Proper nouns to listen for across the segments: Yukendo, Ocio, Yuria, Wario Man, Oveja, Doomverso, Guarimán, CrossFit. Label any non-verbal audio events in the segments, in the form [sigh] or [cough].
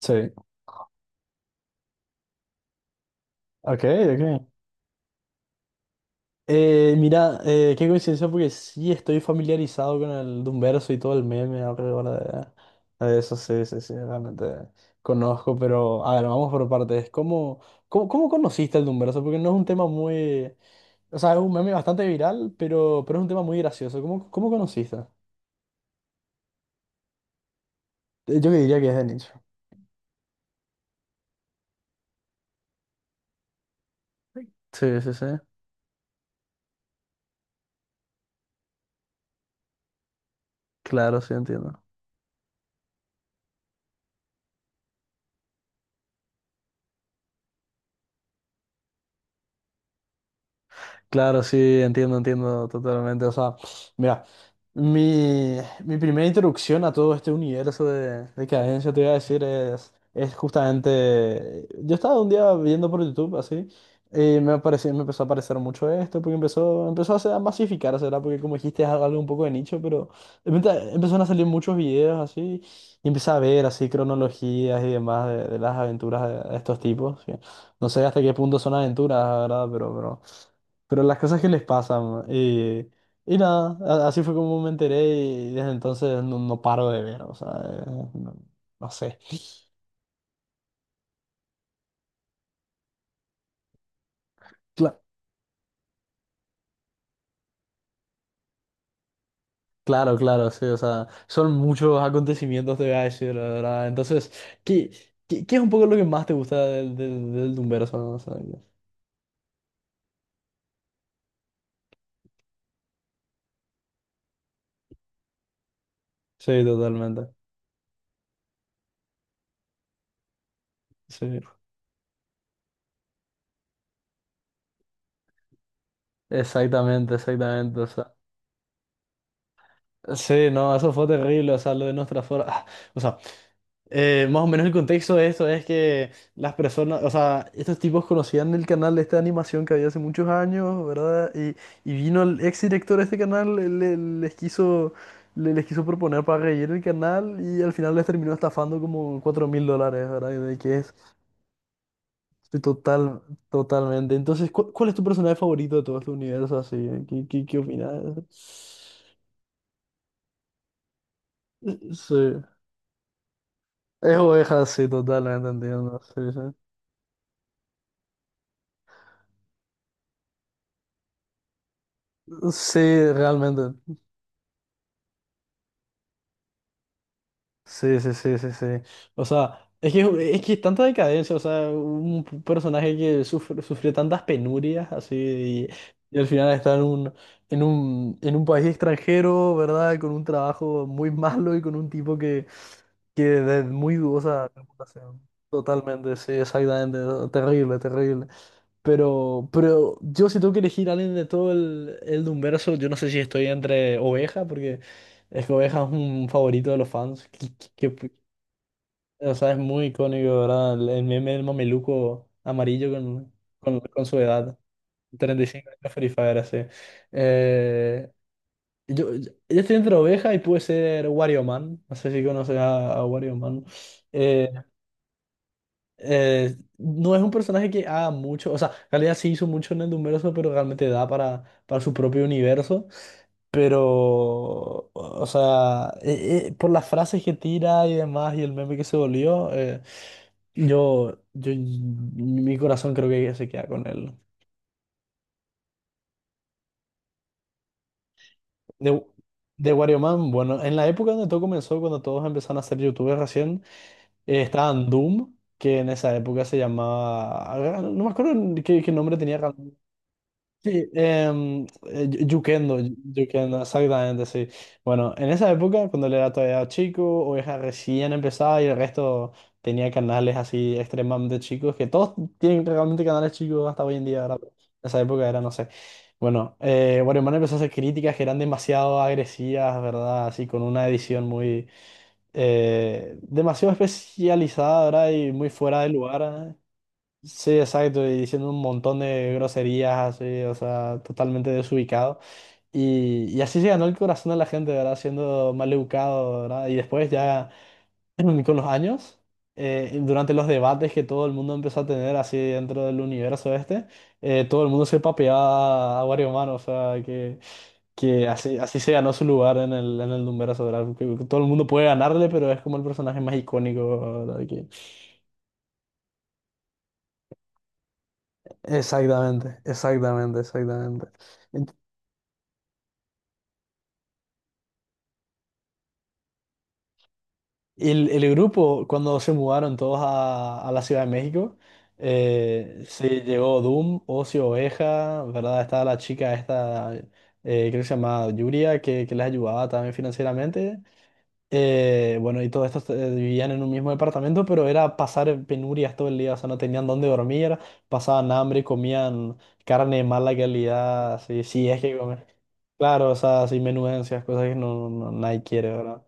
Sí, ok, ok. Mira, qué coincidencia porque sí estoy familiarizado con el Doomverso y todo el meme alrededor de eso, sí, realmente conozco, pero a ver, vamos por partes. ¿ cómo conociste el Doomverso? Porque no es un tema muy, o sea, es un meme bastante viral, pero es un tema muy gracioso. ¿ cómo conociste? Yo que diría que es de nicho. Sí, sí, sí. Claro, sí, entiendo. Claro, sí, entiendo, entiendo totalmente. O sea, mira, mi, mi primera introducción a todo este universo de cadencia, te iba a decir, es justamente. Yo estaba un día viendo por YouTube así, y me apareció, me empezó a aparecer mucho esto, porque empezó, a masificarse, ¿verdad? Porque como dijiste, es algo un poco de nicho, pero de repente empezaron a salir muchos videos así, y empecé a ver así cronologías y demás de las aventuras de estos tipos. Que no sé hasta qué punto son aventuras, ¿verdad? Pero, pero. Pero las cosas que les pasan. Y nada, así fue como me enteré y desde entonces no, no paro de ver, o sea, no, no sé. Cla- claro, claro, sí, o sea, son muchos acontecimientos, te voy a decir, la verdad. Entonces, ¿qué, qué es un poco lo que más te gusta del del Doomverso, no? O sea, que... sí, totalmente. Sí. Exactamente, exactamente, o sea, sí, no, eso fue terrible, o sea, lo de nuestra forma, o sea, más o menos el contexto de esto es que las personas, o sea, estos tipos conocían el canal de esta animación que había hace muchos años, ¿verdad? Y vino el ex director de este canal, les quiso, les quiso proponer para reír el canal y al final les terminó estafando como $4,000, ¿verdad? Y de que es total, totalmente. Entonces, ¿ es tu personaje favorito de todo este universo así? ¿ qué opinas? Sí. Es oveja, sí, totalmente, entiendo. Sí, sí. Sí, realmente. Sí, sí, sí, sí, sí. O sea, es que tanta decadencia, o sea, un personaje que sufrió tantas penurias, así, y al final está en un, en un país extranjero, ¿verdad? Con un trabajo muy malo y con un tipo que de muy dudosa reputación. Totalmente, sí, exactamente. No, terrible, terrible. Pero yo si tengo que elegir a alguien de todo el Dunverso, yo no sé si estoy entre Oveja, porque... Es que Oveja es un favorito de los fans. O sea, es muy icónico, ¿verdad? El meme del mameluco amarillo con, con su edad. 35 años Free Fire, así. Eh, yo estoy entre oveja y puede ser Wario Man. No sé si conoces a Wario Man. Eh, no es un personaje que haga mucho, o sea, en realidad sí hizo mucho en el Dumbverso, pero realmente da para su propio universo. Pero, o sea, por las frases que tira y demás y el meme que se volvió, yo, mi corazón creo que se queda con él. De, de Wario Man, bueno, en la época donde todo comenzó, cuando todos empezaron a ser youtubers recién, estaban Doom, que en esa época se llamaba, no me acuerdo qué nombre tenía. Sí, Yukendo, Yukendo, exactamente, sí. Bueno, en esa época, cuando él era todavía chico, Oveja recién empezaba y el resto tenía canales así extremadamente chicos, que todos tienen realmente canales chicos hasta hoy en día, ¿verdad? Pero en esa época era, no sé. Bueno, Guarimán empezó a hacer críticas que eran demasiado agresivas, ¿verdad? Así con una edición muy... demasiado especializada, ¿verdad? Y muy fuera de lugar. ¿Eh? Sí, exacto, y diciendo un montón de groserías así, o sea, totalmente desubicado. Y así se ganó el corazón de la gente, ¿verdad? Siendo mal educado, ¿verdad? Y después ya [clears throat] con los años, durante los debates que todo el mundo empezó a tener así dentro del universo este, todo el mundo se papeaba a Wario Man, o sea, que así, así se ganó su lugar en el Dunverso, ¿verdad? Que todo el mundo puede ganarle, pero es como el personaje más icónico, ¿verdad? Que... Exactamente, exactamente, exactamente. Y el grupo, cuando se mudaron todos a la Ciudad de México, sí, llegó Doom, Ocio Oveja, ¿verdad? Estaba la chica esta, creo que se llamaba Yuria, que les ayudaba también financieramente. Bueno, y todos estos vivían en un mismo departamento, pero era pasar penurias todo el día, o sea, no tenían dónde dormir, pasaban hambre, comían carne de mala calidad, sí, sí, es que comer. Claro, o sea, así menudencias, cosas que no, nadie quiere, ¿verdad?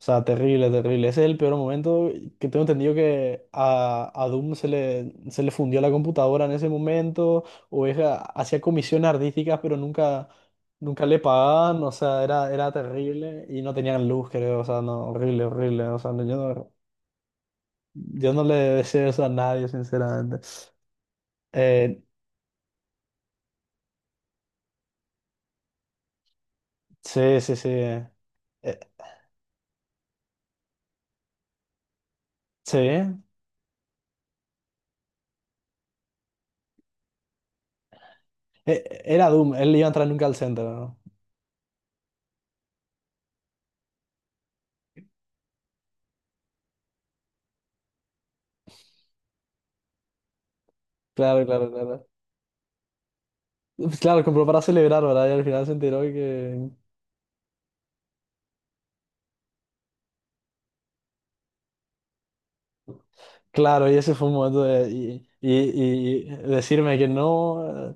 O sea, terrible, terrible. Ese es el peor momento que tengo entendido que a Doom se se le fundió la computadora en ese momento, o es, hacía comisiones artísticas, pero nunca... nunca le pagaban, o sea, era terrible y no tenían luz, creo, o sea, no, horrible, horrible, o sea, no, yo no, yo no le deseo eso a nadie, sinceramente. Eh, sí, sí, sí, sí, era Doom, él iba a entrar nunca al centro, ¿no? Claro, claro, claro. Pues claro, compró para celebrar, ¿verdad? Y al final se enteró que, claro, y ese fue un momento de, y decirme que no,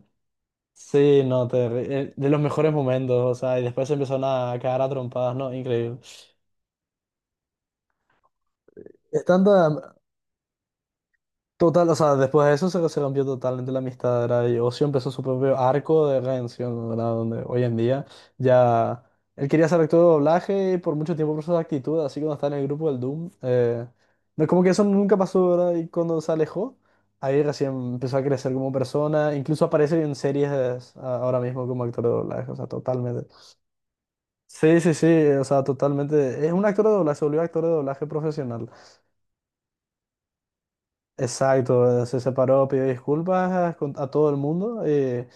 sí, no, de los mejores momentos, o sea, y después se empezaron a cagar a trompadas, ¿no? Increíble. Estando total, o sea, después de eso se, se rompió totalmente la amistad, ¿verdad? Y Ocio empezó su propio arco de redención, ¿verdad? Donde hoy en día ya él quería ser actor de doblaje y por mucho tiempo por su actitud, así que cuando estaba en el grupo del Doom, no, como que eso nunca pasó, ¿verdad? Y cuando se alejó, ahí recién empezó a crecer como persona, incluso aparece en series ahora mismo como actor de doblaje, o sea, totalmente. Sí, sí, sí, o sea, totalmente. Es un actor de doblaje, se volvió actor de doblaje profesional. Exacto, se separó, pidió disculpas a todo el mundo,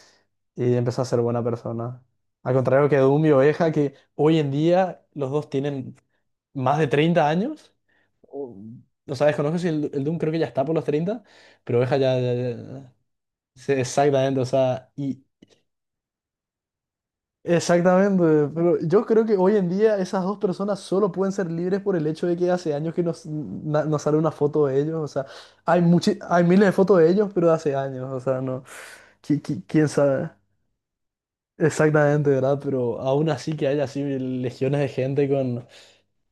y empezó a ser buena persona. Al contrario que Doom y Oveja, que hoy en día los dos tienen más de 30 años. O, o sea, desconozco si el, el Doom creo que ya está por los 30, pero Oveja ya, ya... sí, exactamente, o sea, y... Exactamente, pero yo creo que hoy en día esas dos personas solo pueden ser libres por el hecho de que hace años que nos, nos sale una foto de ellos, o sea, hay miles de fotos de ellos, pero de hace años, o sea, no. Quién sabe exactamente, ¿verdad? Pero aún así que haya así legiones de gente con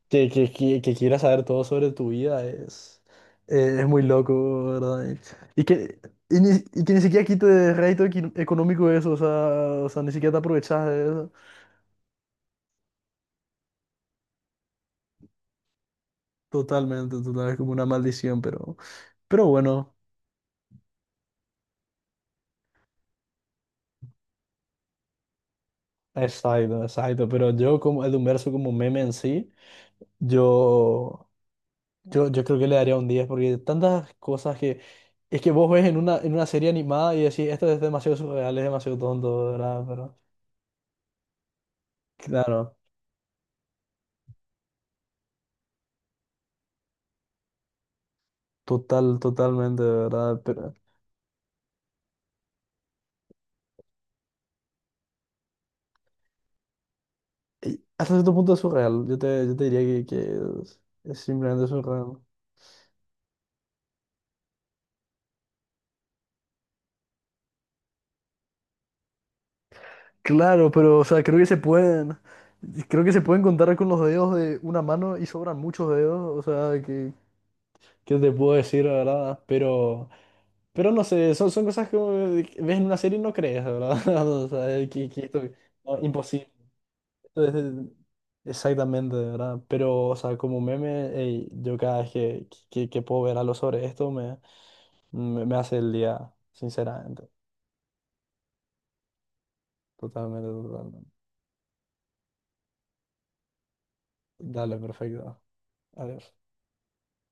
que, que quiera saber todo sobre tu vida es muy loco, ¿verdad? Y que, y que ni siquiera quite económico eso, o sea, ni siquiera te aprovechas de eso. Totalmente, total, es como una maldición, pero bueno. Exacto, exacto, pero yo como el Humberso como meme en sí, yo... Yo creo que le daría un 10 porque tantas cosas que... Es que vos ves en una serie animada y decís, esto es demasiado surreal, es demasiado tonto, ¿verdad? Pero claro, total, totalmente, ¿verdad? Pero hasta cierto punto es surreal. Yo te diría que es simplemente surreal. Claro, pero o sea, creo que se pueden... Creo que se pueden contar con los dedos de una mano y sobran muchos dedos, o sea, que te puedo decir, la ¿verdad? Pero no sé, son, son cosas que ves en una serie y no crees, ¿verdad? [laughs] O sea, que esto no, imposible. Esto es, exactamente, ¿verdad? Pero, o sea, como meme, ey, yo cada vez que, que puedo ver algo sobre esto, me hace el día, sinceramente. Totalmente, totalmente. Dale, perfecto. Adiós.